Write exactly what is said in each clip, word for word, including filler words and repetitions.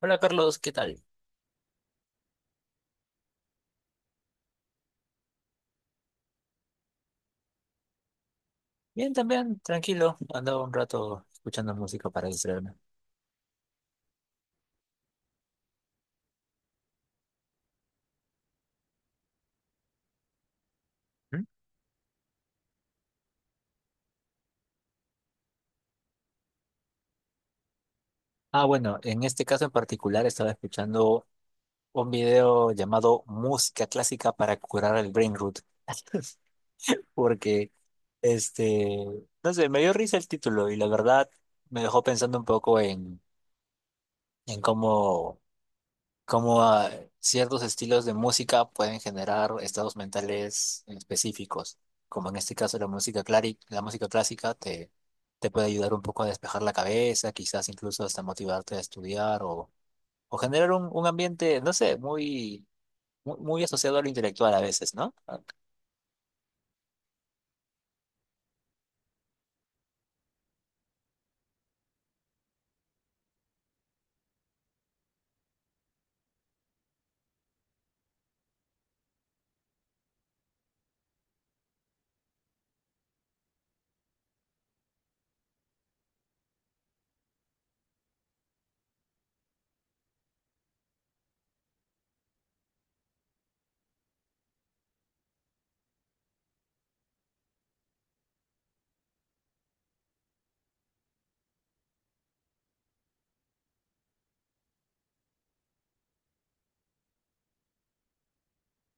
Hola Carlos, ¿qué tal? Bien, también, tranquilo. Andaba un rato escuchando música para distraerme. Ah, bueno, en este caso en particular estaba escuchando un video llamado Música Clásica para curar el brain rot. Porque, este, no sé, me dio risa el título y la verdad me dejó pensando un poco en, en cómo como ah, ciertos estilos de música pueden generar estados mentales específicos, como en este caso la música clari- la música clásica te, te puede ayudar un poco a despejar la cabeza, quizás incluso hasta motivarte a estudiar o, o generar un, un ambiente, no sé, muy, mu- muy, asociado a lo intelectual a veces, ¿no? Ah,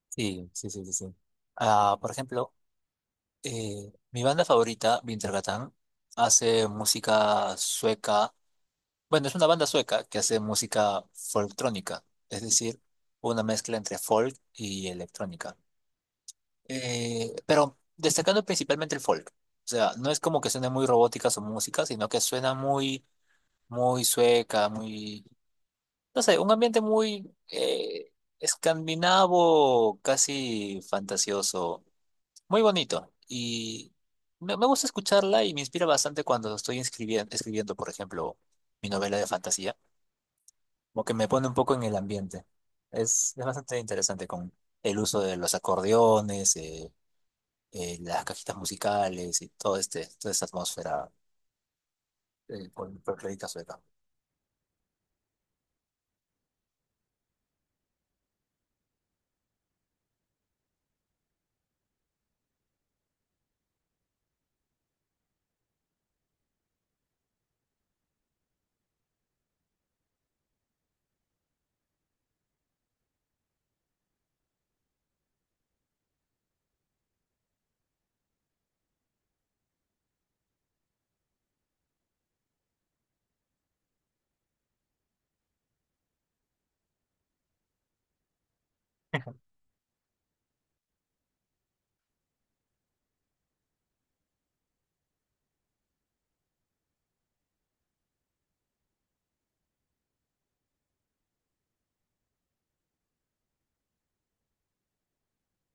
Sí, sí, sí, sí, sí. Ah, por ejemplo, eh, mi banda favorita, Wintergatan, hace música sueca. Bueno, es una banda sueca que hace música folktrónica, es decir, una mezcla entre folk y electrónica. Eh, pero destacando principalmente el folk. O sea, no es como que suene muy robótica su música, sino que suena muy, muy sueca, muy, no sé, un ambiente muy eh, escandinavo, casi fantasioso, muy bonito. Y me, me gusta escucharla y me inspira bastante cuando estoy escribiendo, escribiendo, por ejemplo, mi novela de fantasía. Como que me pone un poco en el ambiente. Es, es bastante interesante con el uso de los acordeones, eh, eh, las cajitas musicales y todo este, toda esta atmósfera eh, pol- folclórica sueca.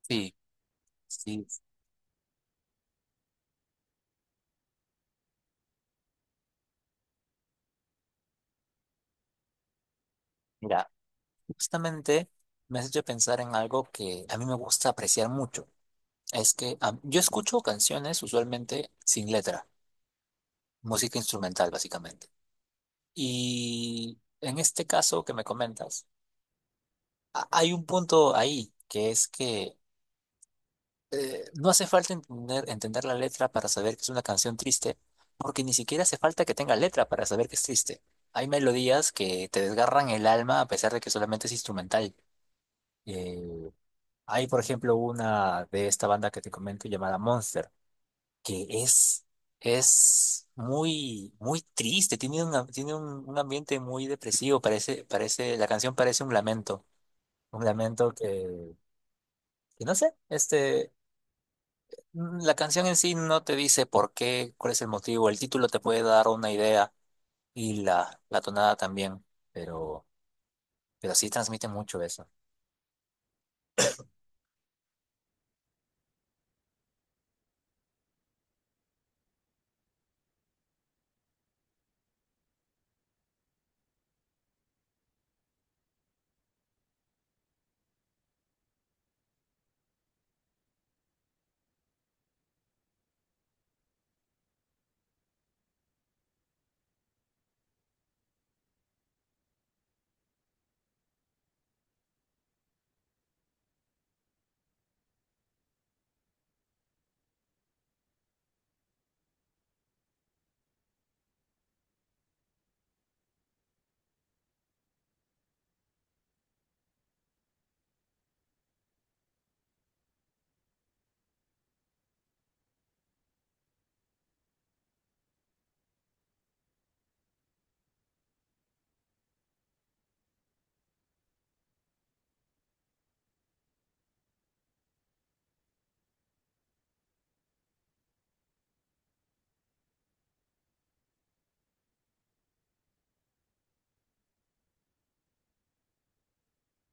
Sí, sí. Mira, justamente me has hecho pensar en algo que a mí me gusta apreciar mucho. Es que ah, yo escucho canciones usualmente sin letra, música instrumental básicamente. Y en este caso que me comentas, a- hay un punto ahí, que es que eh, no hace falta entender, entender la letra para saber que es una canción triste, porque ni siquiera hace falta que tenga letra para saber que es triste. Hay melodías que te desgarran el alma a pesar de que solamente es instrumental. Eh, Hay, por ejemplo, una de esta banda que te comento llamada Monster, que es, es muy, muy triste, tiene, una- tiene un, un ambiente muy depresivo, parece, parece, la canción parece un lamento, un lamento que, que no sé, este... Mm, La canción en sí no te dice por qué, cuál es el motivo. El título te puede dar una idea y la, la tonada también, pero, pero sí transmite mucho eso.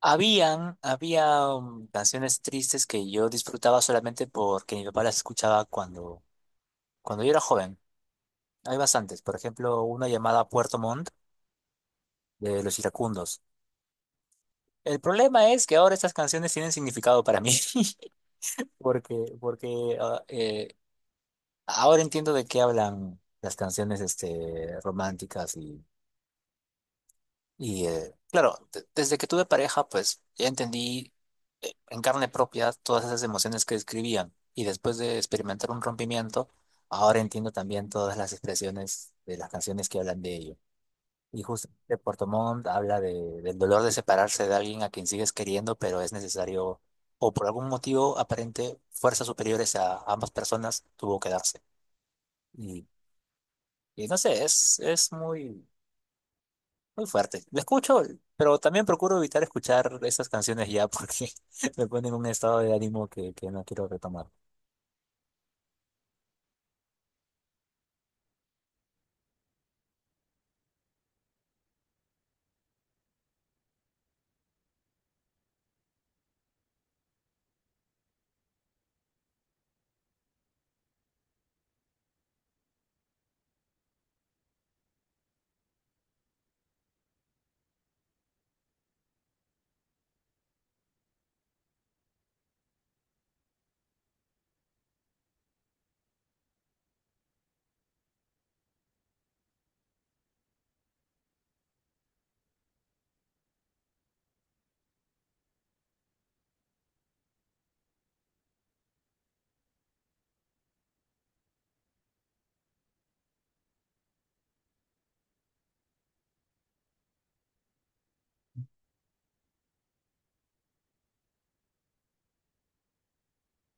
Habían, había um, canciones tristes que yo disfrutaba solamente porque mi papá las escuchaba cuando, cuando yo era joven. Hay bastantes, por ejemplo, una llamada Puerto Montt de Los Iracundos. El problema es que ahora estas canciones tienen significado para mí. Porque, porque ah, eh, ahora entiendo de qué hablan las canciones este, románticas y, y eh, claro, de- desde que tuve pareja, pues ya entendí eh, en carne propia todas esas emociones que describían. Y después de experimentar un rompimiento, ahora entiendo también todas las expresiones de las canciones que hablan de ello. Y justamente Puerto Montt habla de, del dolor de separarse de alguien a quien sigues queriendo, pero es necesario, o por algún motivo aparente, fuerzas superiores a ambas personas tuvo que darse. Y y no sé, es, es muy, muy fuerte. Lo escucho, pero también procuro evitar escuchar esas canciones ya porque me ponen en un estado de ánimo que, que no quiero retomar.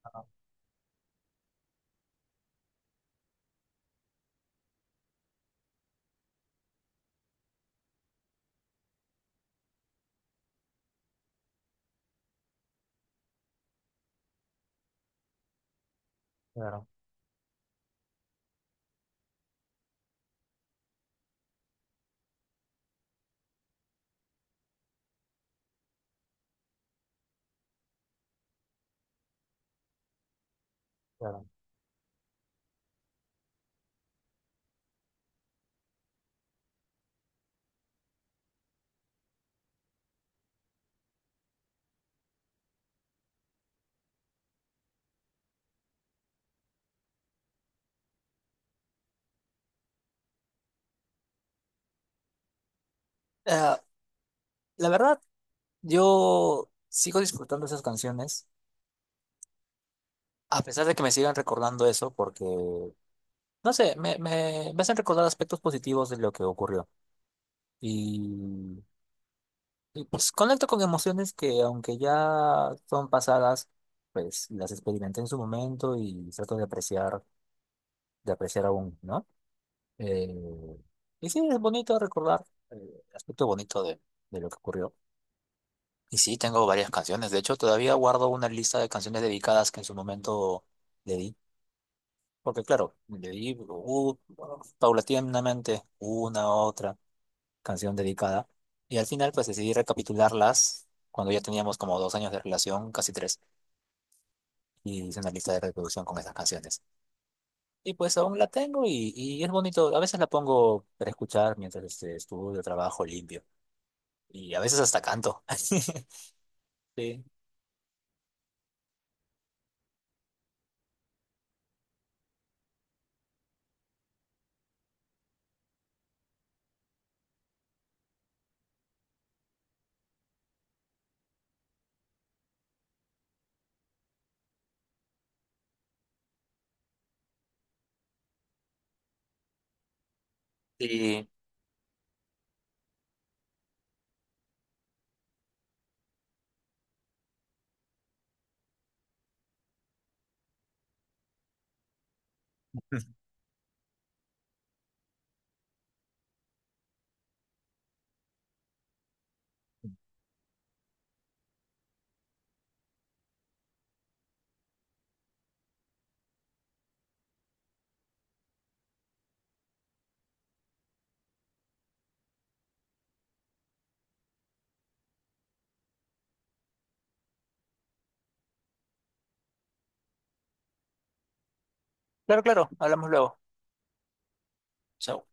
Ah, Claro, claro. Ah, la verdad, yo sigo disfrutando esas canciones, a pesar de que me sigan recordando eso, porque, no sé, me, me, me hacen recordar aspectos positivos de lo que ocurrió. Y, y pues conecto con emociones que, aunque ya son pasadas, pues las experimenté en su momento y trato de apreciar. De apreciar aún, ¿no? Eh, y sí, es bonito recordar eh, el aspecto bonito de, de lo que ocurrió. Y sí, tengo varias canciones. De hecho, todavía guardo una lista de canciones dedicadas que en su momento le di. Porque claro, le di uh, bueno, paulatinamente una otra canción dedicada. Y al final, pues decidí recapitularlas cuando ya teníamos como dos años de relación, casi tres. Y hice una lista de reproducción con esas canciones. Y pues aún la tengo y, y es bonito. A veces la pongo para escuchar mientras este, estudio, trabajo, limpio. Y a veces hasta canto. Sí. Y claro, claro, hablamos luego. Chao.